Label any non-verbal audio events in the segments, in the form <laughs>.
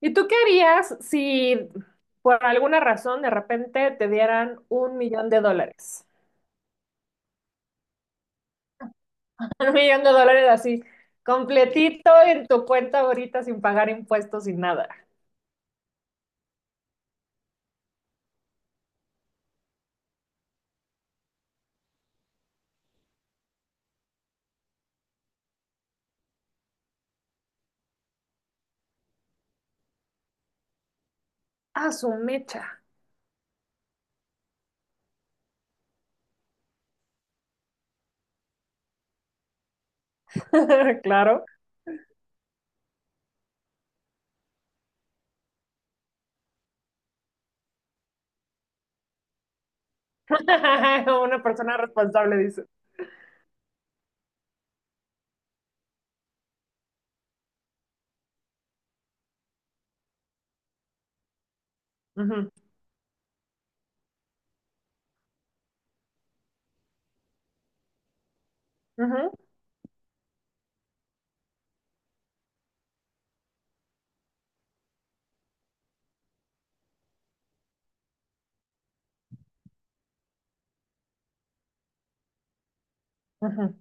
¿Y tú qué harías si por alguna razón de repente te dieran 1 millón de dólares? <laughs> 1 millón de dólares así, completito en tu cuenta ahorita sin pagar impuestos sin nada. A su mecha. <laughs> Claro. <laughs> Una persona responsable dice. Ujú, ujú, ujú.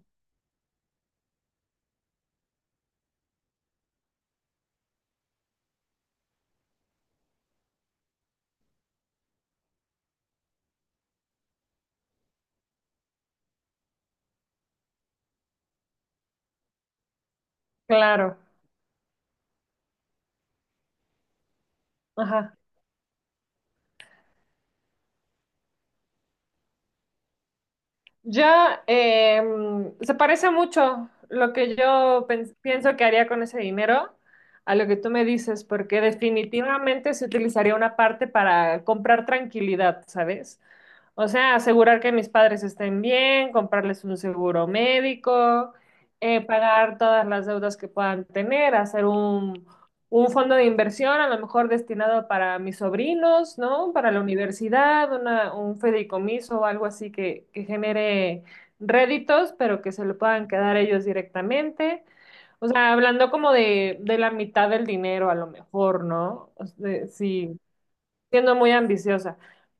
Claro. Ajá. Ya se parece mucho lo que yo pienso que haría con ese dinero a lo que tú me dices, porque definitivamente se utilizaría una parte para comprar tranquilidad, ¿sabes? O sea, asegurar que mis padres estén bien, comprarles un seguro médico, pagar todas las deudas que puedan tener, hacer un fondo de inversión, a lo mejor destinado para mis sobrinos, ¿no? Para la universidad, un fideicomiso o algo así que genere réditos, pero que se lo puedan quedar ellos directamente. O sea, hablando como de la mitad del dinero, a lo mejor, ¿no? O sea, sí siendo muy ambiciosa.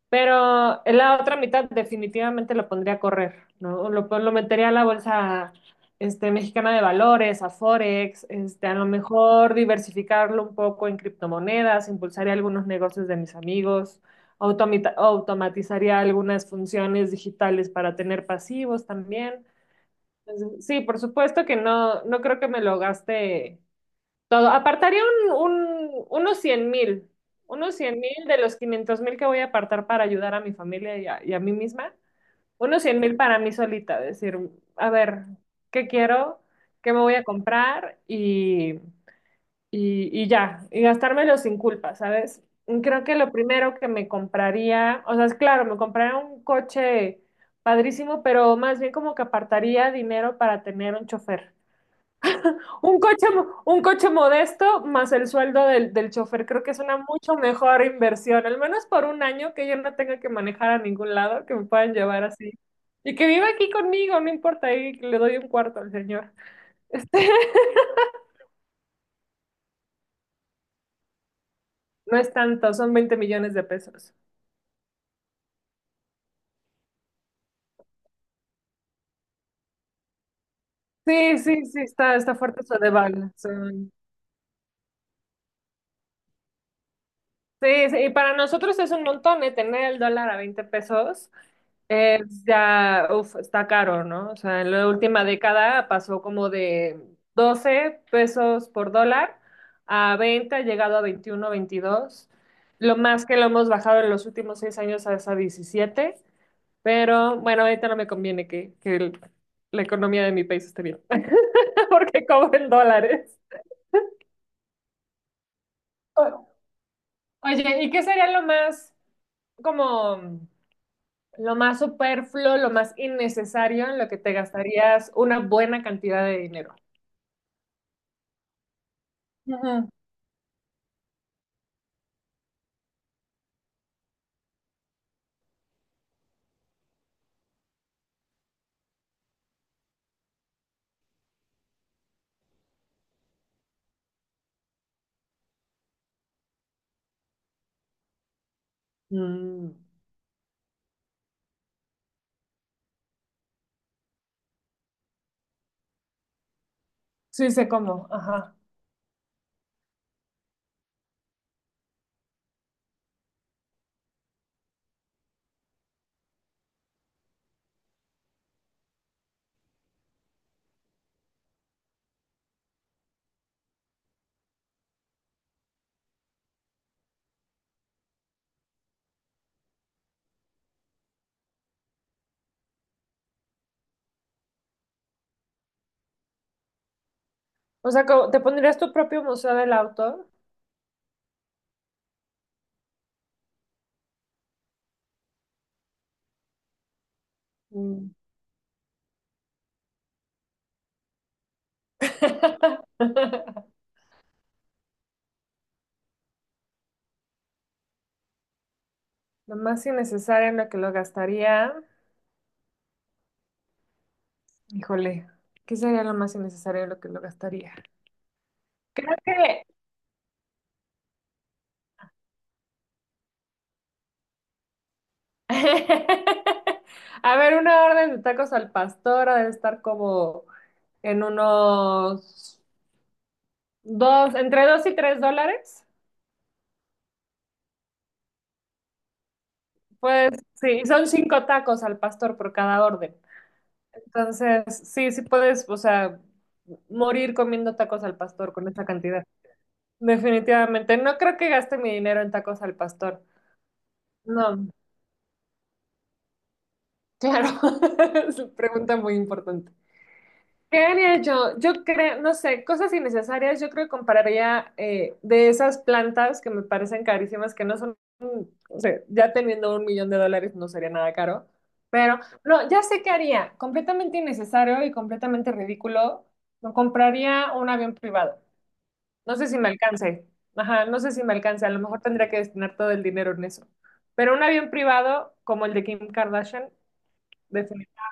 Pero en la otra mitad definitivamente lo pondría a correr, ¿no? Lo metería a la bolsa este, mexicana de valores, a Forex, este, a lo mejor diversificarlo un poco en criptomonedas, impulsaría algunos negocios de mis amigos, automatizaría algunas funciones digitales para tener pasivos también. Entonces, sí, por supuesto que no, no creo que me lo gaste todo. Apartaría unos 100,000, unos 100,000 de los 500,000 que voy a apartar para ayudar a mi familia y a mí misma. Unos 100 mil para mí solita, decir, a ver, ¿qué quiero? ¿Qué me voy a comprar? Y ya, y gastármelo sin culpa, ¿sabes? Creo que lo primero que me compraría, o sea, es claro, me compraría un coche padrísimo, pero más bien como que apartaría dinero para tener un chofer. Un coche, un coche modesto más el sueldo del chofer, creo que es una mucho mejor inversión, al menos por un año que yo no tenga que manejar a ningún lado, que me puedan llevar así. Y que viva aquí conmigo, no importa, ahí le doy un cuarto al señor. Este, <laughs> no es tanto, son 20 millones de pesos. Sí, sí, sí, está, está fuerte su devaluación. Sí, sí, y para nosotros es un montón, ¿eh? Tener el dólar a 20 pesos. Pues, ya, uf, está caro, ¿no? O sea, en la última década pasó como de 12 pesos por dólar a 20, ha llegado a 21, 22. Lo más que lo hemos bajado en los últimos 6 años es a 17. Pero bueno, ahorita no me conviene que la economía de mi país esté bien, <laughs> porque cobro en dólares. O- Oye, ¿y qué sería lo como... más superfluo, lo más innecesario en lo que te gastarías una buena cantidad de dinero? Ujú. Mm. Sí, sé cómo, ajá. O sea, ¿te pondrías tu propio museo del auto? Mm. <laughs> Lo más innecesario en lo que lo gastaría. Híjole, ¿qué sería lo más innecesario en lo que lo gastaría? Creo que... <laughs> A ver, una orden de tacos al pastor ha de estar como en unos dos, entre dos y tres dólares. Pues sí, y son cinco tacos al pastor por cada orden. Entonces, sí, sí puedes, o sea, morir comiendo tacos al pastor con esa cantidad. Definitivamente. No creo que gaste mi dinero en tacos al pastor. No, claro. <laughs> Es una pregunta muy importante. ¿Qué haría yo? Yo creo, no sé, cosas innecesarias. Yo creo que compraría de esas plantas que me parecen carísimas, que no son, o sea, ya teniendo 1 millón de dólares no sería nada caro. Pero no, ya sé qué haría. Completamente innecesario y completamente ridículo. Me compraría un avión privado. No sé si me alcance. Ajá, no sé si me alcance. A lo mejor tendría que destinar todo el dinero en eso. Pero un avión privado como el de Kim Kardashian, definitivamente.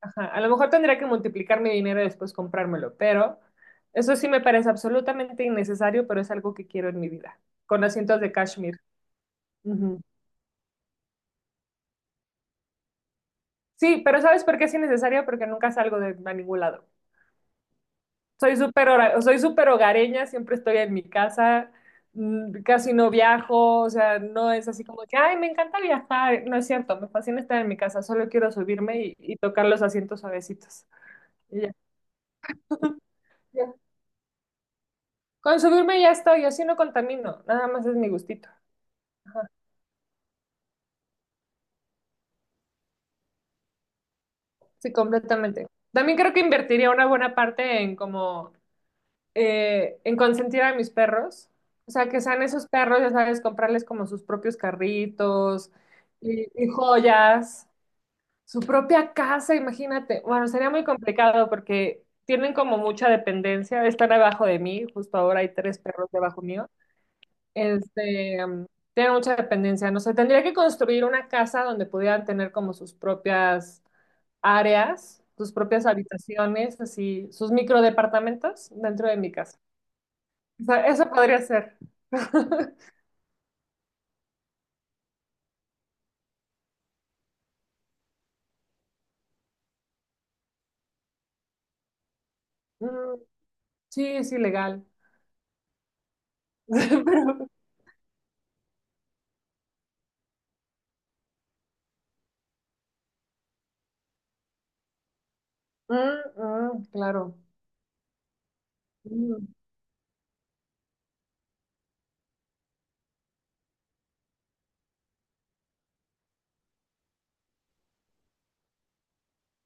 Ajá, a lo mejor tendría que multiplicar mi dinero y después comprármelo, pero eso sí me parece absolutamente innecesario, pero es algo que quiero en mi vida, con asientos de cashmere. Ujú. Sí, pero ¿sabes por qué es innecesario? Porque nunca salgo de a ningún lado. Soy súper hogareña, siempre estoy en mi casa, casi no viajo, o sea, no es así como que, ay, me encanta viajar, no es cierto, me fascina estar en mi casa, solo quiero subirme y tocar los asientos suavecitos. Y ya. <laughs> Con subirme ya estoy, yo sí no contamino, nada más es mi gustito. Ajá, sí, completamente. También creo que invertiría una buena parte en como en consentir a mis perros. O sea, que sean esos perros, ya sabes, comprarles como sus propios carritos y joyas, su propia casa, imagínate. Bueno, sería muy complicado porque tienen como mucha dependencia, están abajo de mí, justo ahora hay tres perros debajo mío. Este, tiene mucha dependencia. No sé, tendría que construir una casa donde pudieran tener como sus propias áreas, sus propias habitaciones, así, sus microdepartamentos dentro de mi casa. O sea, eso podría ser. <laughs> Mm, sí, es ilegal. <laughs> Pero, mm, mm, claro. Mm.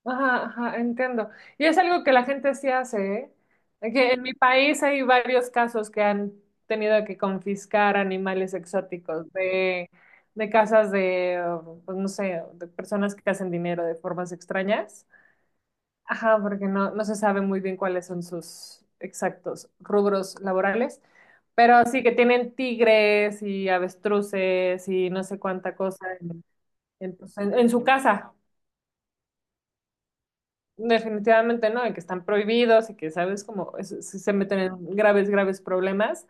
Ajá, ajá, entiendo. Y es algo que la gente sí hace, ¿eh? Que en mi país hay varios casos que han tenido que confiscar animales exóticos de casas de, oh, pues no sé, de personas que hacen dinero de formas extrañas. Ajá, porque no, no se sabe muy bien cuáles son sus exactos rubros laborales. Pero sí que tienen tigres y avestruces y no sé cuánta cosa en pues, en su casa. Definitivamente no, y que están prohibidos y que, sabes, se meten en graves, graves problemas,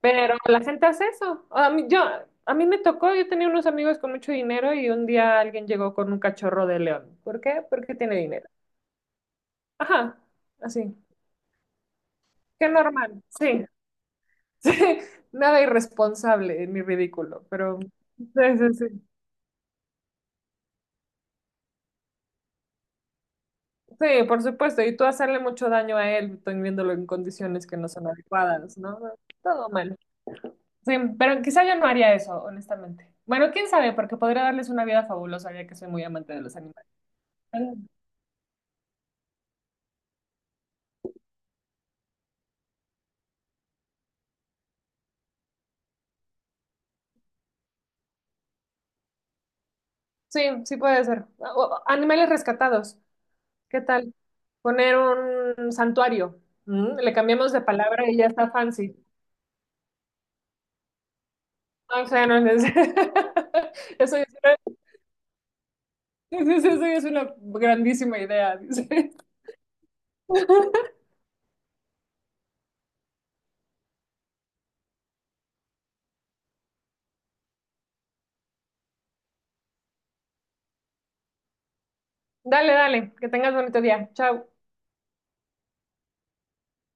pero la gente hace eso. A mí, yo, a mí me tocó, yo tenía unos amigos con mucho dinero y un día alguien llegó con un cachorro de león. ¿Por qué? Porque tiene dinero. Ajá, así. Qué normal, sí. <laughs> Sí, nada irresponsable ni ridículo, pero sí, sí, sí. Sí, por supuesto, y tú hacerle mucho daño a él, viéndolo en condiciones que no son adecuadas, ¿no? Todo mal. Sí, pero quizá yo no haría eso, honestamente. Bueno, quién sabe, porque podría darles una vida fabulosa, ya que soy muy amante de los animales. Sí, sí puede ser. Animales rescatados, ¿qué tal? Poner un santuario. ¿Mm? Le cambiamos de palabra y ya está fancy. No, o sea, no es... <laughs> Eso es una... <laughs> eso es una grandísima idea, dice. <laughs> Dale, dale, que tengas bonito día. Chao.